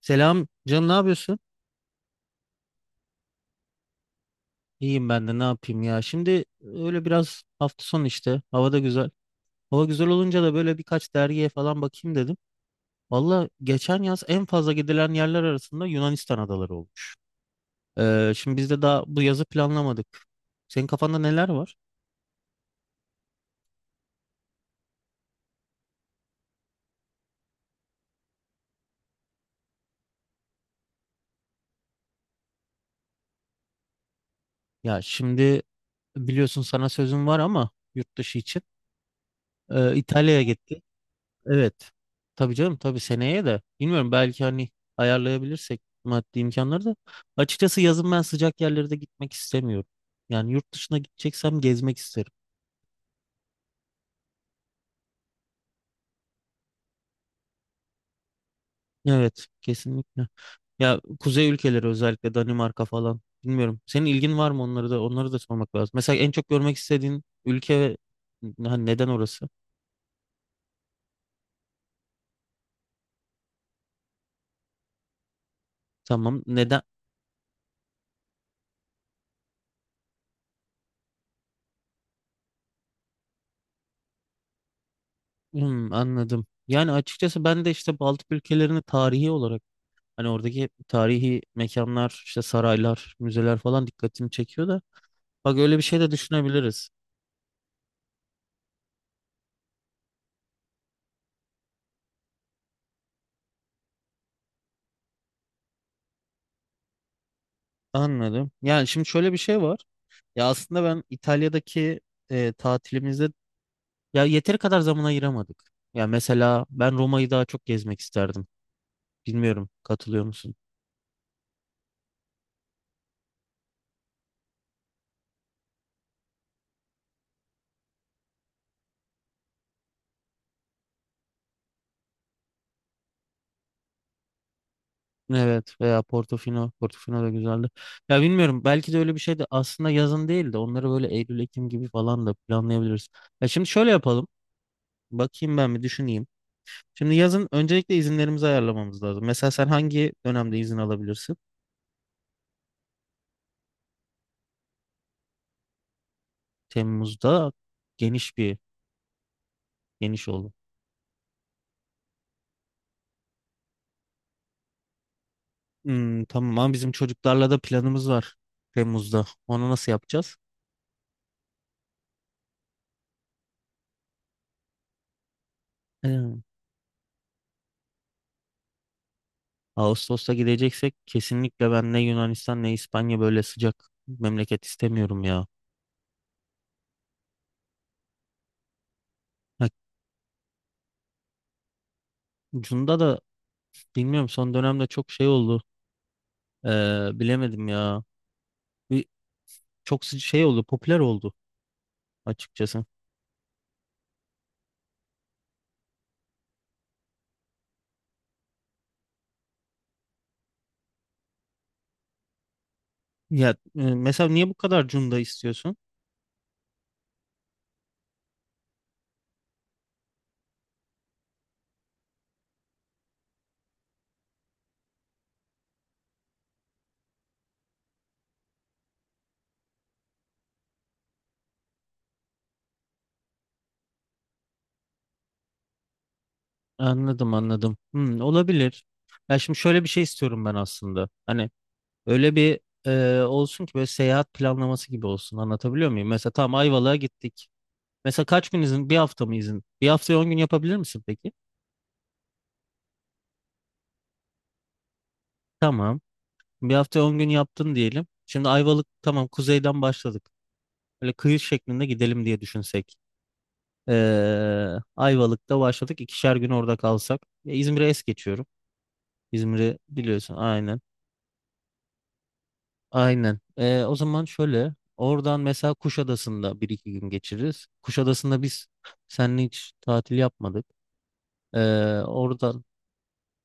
Selam canım, ne yapıyorsun? İyiyim, ben de ne yapayım ya. Şimdi öyle biraz hafta sonu işte. Hava da güzel. Hava güzel olunca da böyle birkaç dergiye falan bakayım dedim. Valla geçen yaz en fazla gidilen yerler arasında Yunanistan adaları olmuş. Şimdi biz de daha bu yazı planlamadık. Senin kafanda neler var? Ya şimdi biliyorsun sana sözüm var ama yurt dışı için. İtalya'ya gittik. Evet. Tabii canım tabii seneye de bilmiyorum belki hani ayarlayabilirsek maddi imkanları da. Açıkçası yazın ben sıcak yerlere de gitmek istemiyorum. Yani yurt dışına gideceksem gezmek isterim. Evet, kesinlikle. Ya kuzey ülkeleri özellikle Danimarka falan bilmiyorum. Senin ilgin var mı onları da onları da sormak lazım. Mesela en çok görmek istediğin ülke ve hani neden orası? Tamam, neden? Hmm, anladım. Yani açıkçası ben de işte Baltık ülkelerini tarihi olarak hani oradaki tarihi mekanlar, işte saraylar, müzeler falan dikkatimi çekiyor da. Bak öyle bir şey de düşünebiliriz. Anladım. Yani şimdi şöyle bir şey var. Ya aslında ben İtalya'daki tatilimizde ya yeteri kadar zaman ayıramadık. Ya mesela ben Roma'yı daha çok gezmek isterdim. Bilmiyorum, katılıyor musun? Evet, veya Portofino. Portofino da güzeldi. Ya bilmiyorum belki de öyle bir şey de aslında yazın değil de onları böyle Eylül-Ekim gibi falan da planlayabiliriz. Ya şimdi şöyle yapalım. Bakayım ben bir düşüneyim. Şimdi yazın öncelikle izinlerimizi ayarlamamız lazım. Mesela sen hangi dönemde izin alabilirsin? Temmuz'da geniş bir geniş oldu. Hmm, tamam ama bizim çocuklarla da planımız var Temmuz'da. Onu nasıl yapacağız? Ee, Ağustos'ta gideceksek kesinlikle ben ne Yunanistan ne İspanya böyle sıcak memleket istemiyorum ya. Ha, Cunda da bilmiyorum son dönemde çok şey oldu. Bilemedim ya. Bir, çok şey oldu, popüler oldu açıkçası. Ya mesela niye bu kadar Cunda istiyorsun? Anladım anladım. Hmm, olabilir. Ya şimdi şöyle bir şey istiyorum ben aslında. Hani öyle bir olsun ki böyle seyahat planlaması gibi olsun. Anlatabiliyor muyum? Mesela tamam Ayvalık'a gittik. Mesela kaç gün izin? Bir hafta mı izin? Bir haftaya 10 gün yapabilir misin peki? Tamam. Bir hafta 10 gün yaptın diyelim. Şimdi Ayvalık tamam kuzeyden başladık. Böyle kıyı şeklinde gidelim diye düşünsek. Ayvalık'ta başladık. İkişer gün orada kalsak. Ya İzmir'e es geçiyorum. İzmir'i biliyorsun aynen. Aynen. O zaman şöyle oradan mesela Kuşadası'nda bir iki gün geçiririz. Kuşadası'nda biz seninle hiç tatil yapmadık. Ee, oradan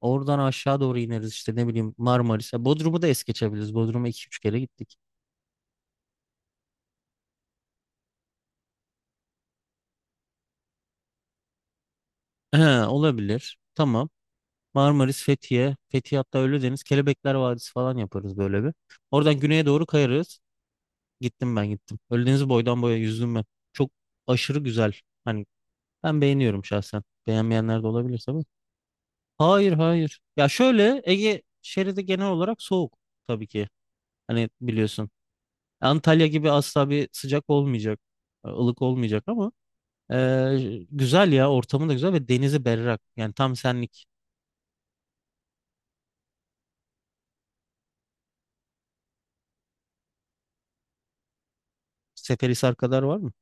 oradan aşağı doğru ineriz işte ne bileyim Marmaris'e. Bodrum'u da es geçebiliriz. Bodrum'a iki üç kere gittik. Olabilir. Tamam. Marmaris, Fethiye, Fethiye hatta Ölüdeniz, Kelebekler Vadisi falan yaparız böyle bir. Oradan güneye doğru kayarız. Gittim ben gittim. Ölüdeniz'i boydan boya yüzdüm ben. Çok aşırı güzel. Hani ben beğeniyorum şahsen. Beğenmeyenler de olabilir tabii. Hayır, hayır. Ya şöyle Ege şeridi genel olarak soğuk tabii ki. Hani biliyorsun. Antalya gibi asla bir sıcak olmayacak. Ilık olmayacak ama güzel ya, ortamı da güzel ve denizi berrak. Yani tam senlik. Seferihisar kadar var mı?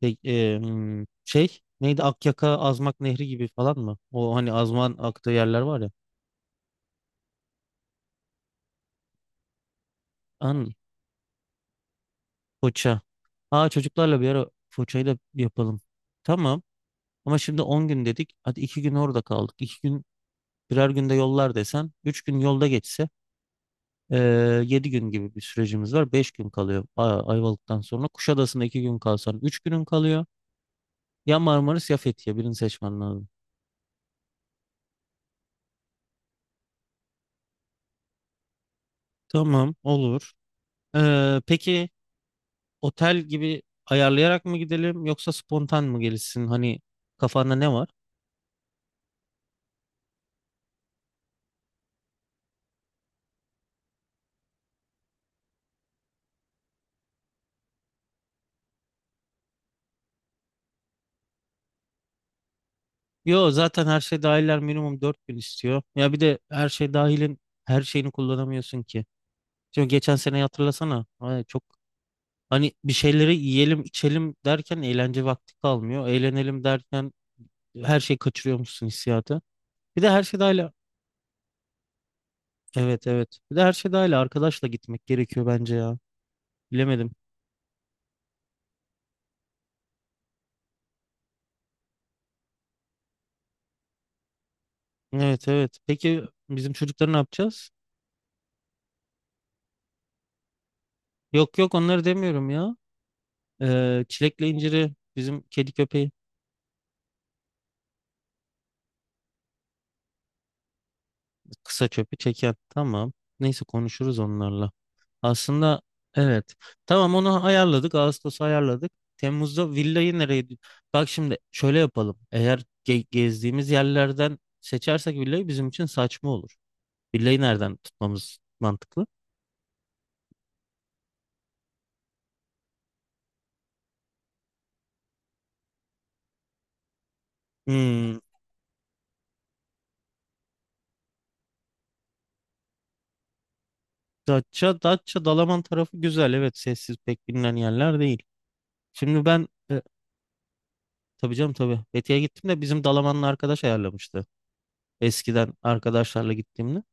Hmm, şey neydi, Akyaka Azmak Nehri gibi falan mı? O hani Azman aktığı yerler var ya. An Foça. Aa, çocuklarla bir ara Foça'yı da yapalım. Tamam. Ama şimdi 10 gün dedik. Hadi 2 gün orada kaldık. İki gün Birer günde yollar desem 3 gün yolda geçse 7 gün gibi bir sürecimiz var. 5 gün kalıyor Ayvalık'tan sonra. Kuşadası'nda 2 gün kalsan 3 günün kalıyor. Ya Marmaris ya Fethiye birini seçmen lazım. Tamam, olur. Peki otel gibi ayarlayarak mı gidelim yoksa spontan mı gelişsin? Hani kafanda ne var? Yo, zaten her şey dahiller minimum 4 gün istiyor. Ya bir de her şey dahilin her şeyini kullanamıyorsun ki. Şimdi geçen sene hatırlasana. Ay, çok. Hani bir şeyleri yiyelim, içelim derken eğlence vakti kalmıyor. Eğlenelim derken her şeyi kaçırıyormuşsun hissiyatı. Bir de her şey dahil, evet, evet. Bir de her şey dahil arkadaşla gitmek gerekiyor bence ya. Bilemedim. Evet, evet. Peki bizim çocukları ne yapacağız? Yok, yok, onları demiyorum ya. Çilekle inciri bizim kedi köpeği kısa çöpü çeken. Tamam. Neyse konuşuruz onlarla. Aslında evet. Tamam, onu ayarladık. Ağustos'u ayarladık. Temmuz'da villayı nereye? Bak şimdi şöyle yapalım. Eğer gezdiğimiz yerlerden seçersek villayı bizim için saçma olur. Villayı nereden tutmamız mantıklı? Hmm, Datça, Datça, Dalaman tarafı güzel. Evet, sessiz pek bilinen yerler değil. Şimdi ben tabii canım tabii. Fethiye'ye gittim de bizim Dalaman'la arkadaş ayarlamıştı. Eskiden arkadaşlarla gittiğimde.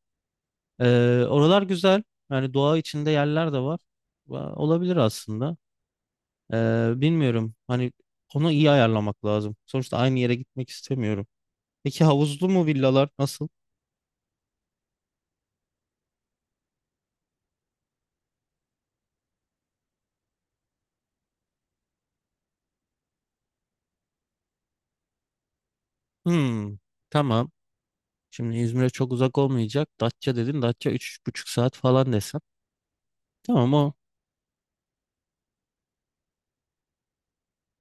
Oralar güzel. Yani doğa içinde yerler de var. Olabilir aslında. Bilmiyorum. Hani onu iyi ayarlamak lazım. Sonuçta aynı yere gitmek istemiyorum. Peki havuzlu mu, villalar nasıl? Hmm, tamam. Şimdi İzmir'e çok uzak olmayacak. Datça dedin. Datça 3,5 saat falan desem. Tamam, o.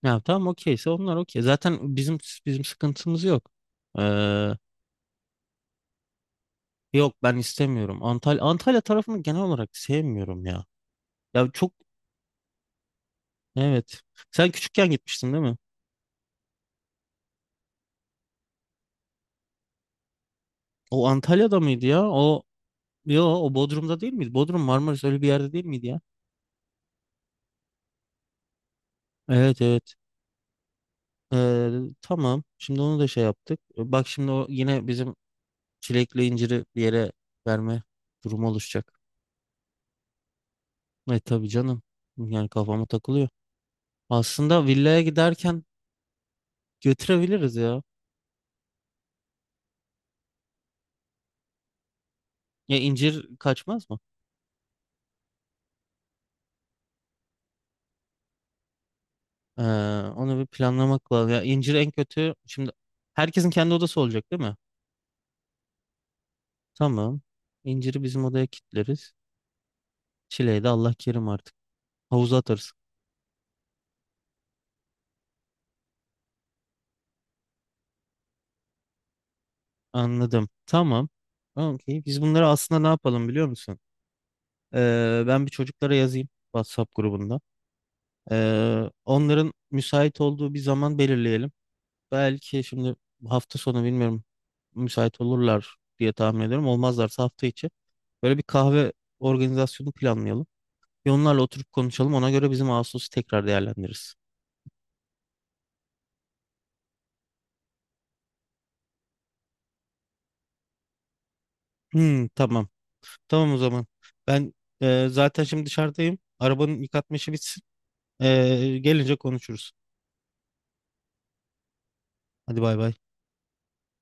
Ya tamam, okeyse onlar okey. Zaten bizim sıkıntımız yok. Ee, Yok, ben istemiyorum. Antalya, Antalya tarafını genel olarak sevmiyorum ya. Ya çok. Evet. Sen küçükken gitmiştin değil mi? O Antalya'da mıydı ya? O, yo, o Bodrum'da değil miydi? Bodrum Marmaris öyle bir yerde değil miydi ya? Evet, evet. Ee, tamam. Şimdi onu da şey yaptık. Bak şimdi o yine bizim çilekli inciri bir yere verme durumu oluşacak. E, tabii canım. Yani kafama takılıyor. Aslında villaya giderken götürebiliriz ya. Ya incir kaçmaz mı? Ee, Onu bir planlamak lazım. Ya incir en kötü, şimdi herkesin kendi odası olacak değil mi? Tamam. İnciri bizim odaya kilitleriz. Çileği de Allah kerim artık. Havuza atarız. Anladım. Tamam. Okey. Biz bunları aslında ne yapalım biliyor musun? Ben bir çocuklara yazayım WhatsApp grubunda. Onların müsait olduğu bir zaman belirleyelim. Belki şimdi hafta sonu bilmiyorum, müsait olurlar diye tahmin ediyorum. Olmazlarsa hafta içi böyle bir kahve organizasyonu planlayalım. Ve onlarla oturup konuşalım. Ona göre bizim Ağustos'u tekrar değerlendiririz. Hmm, tamam. Tamam, o zaman. Ben zaten şimdi dışarıdayım. Arabanın yıkatma işi bitsin. E, gelince konuşuruz. Hadi bay bay.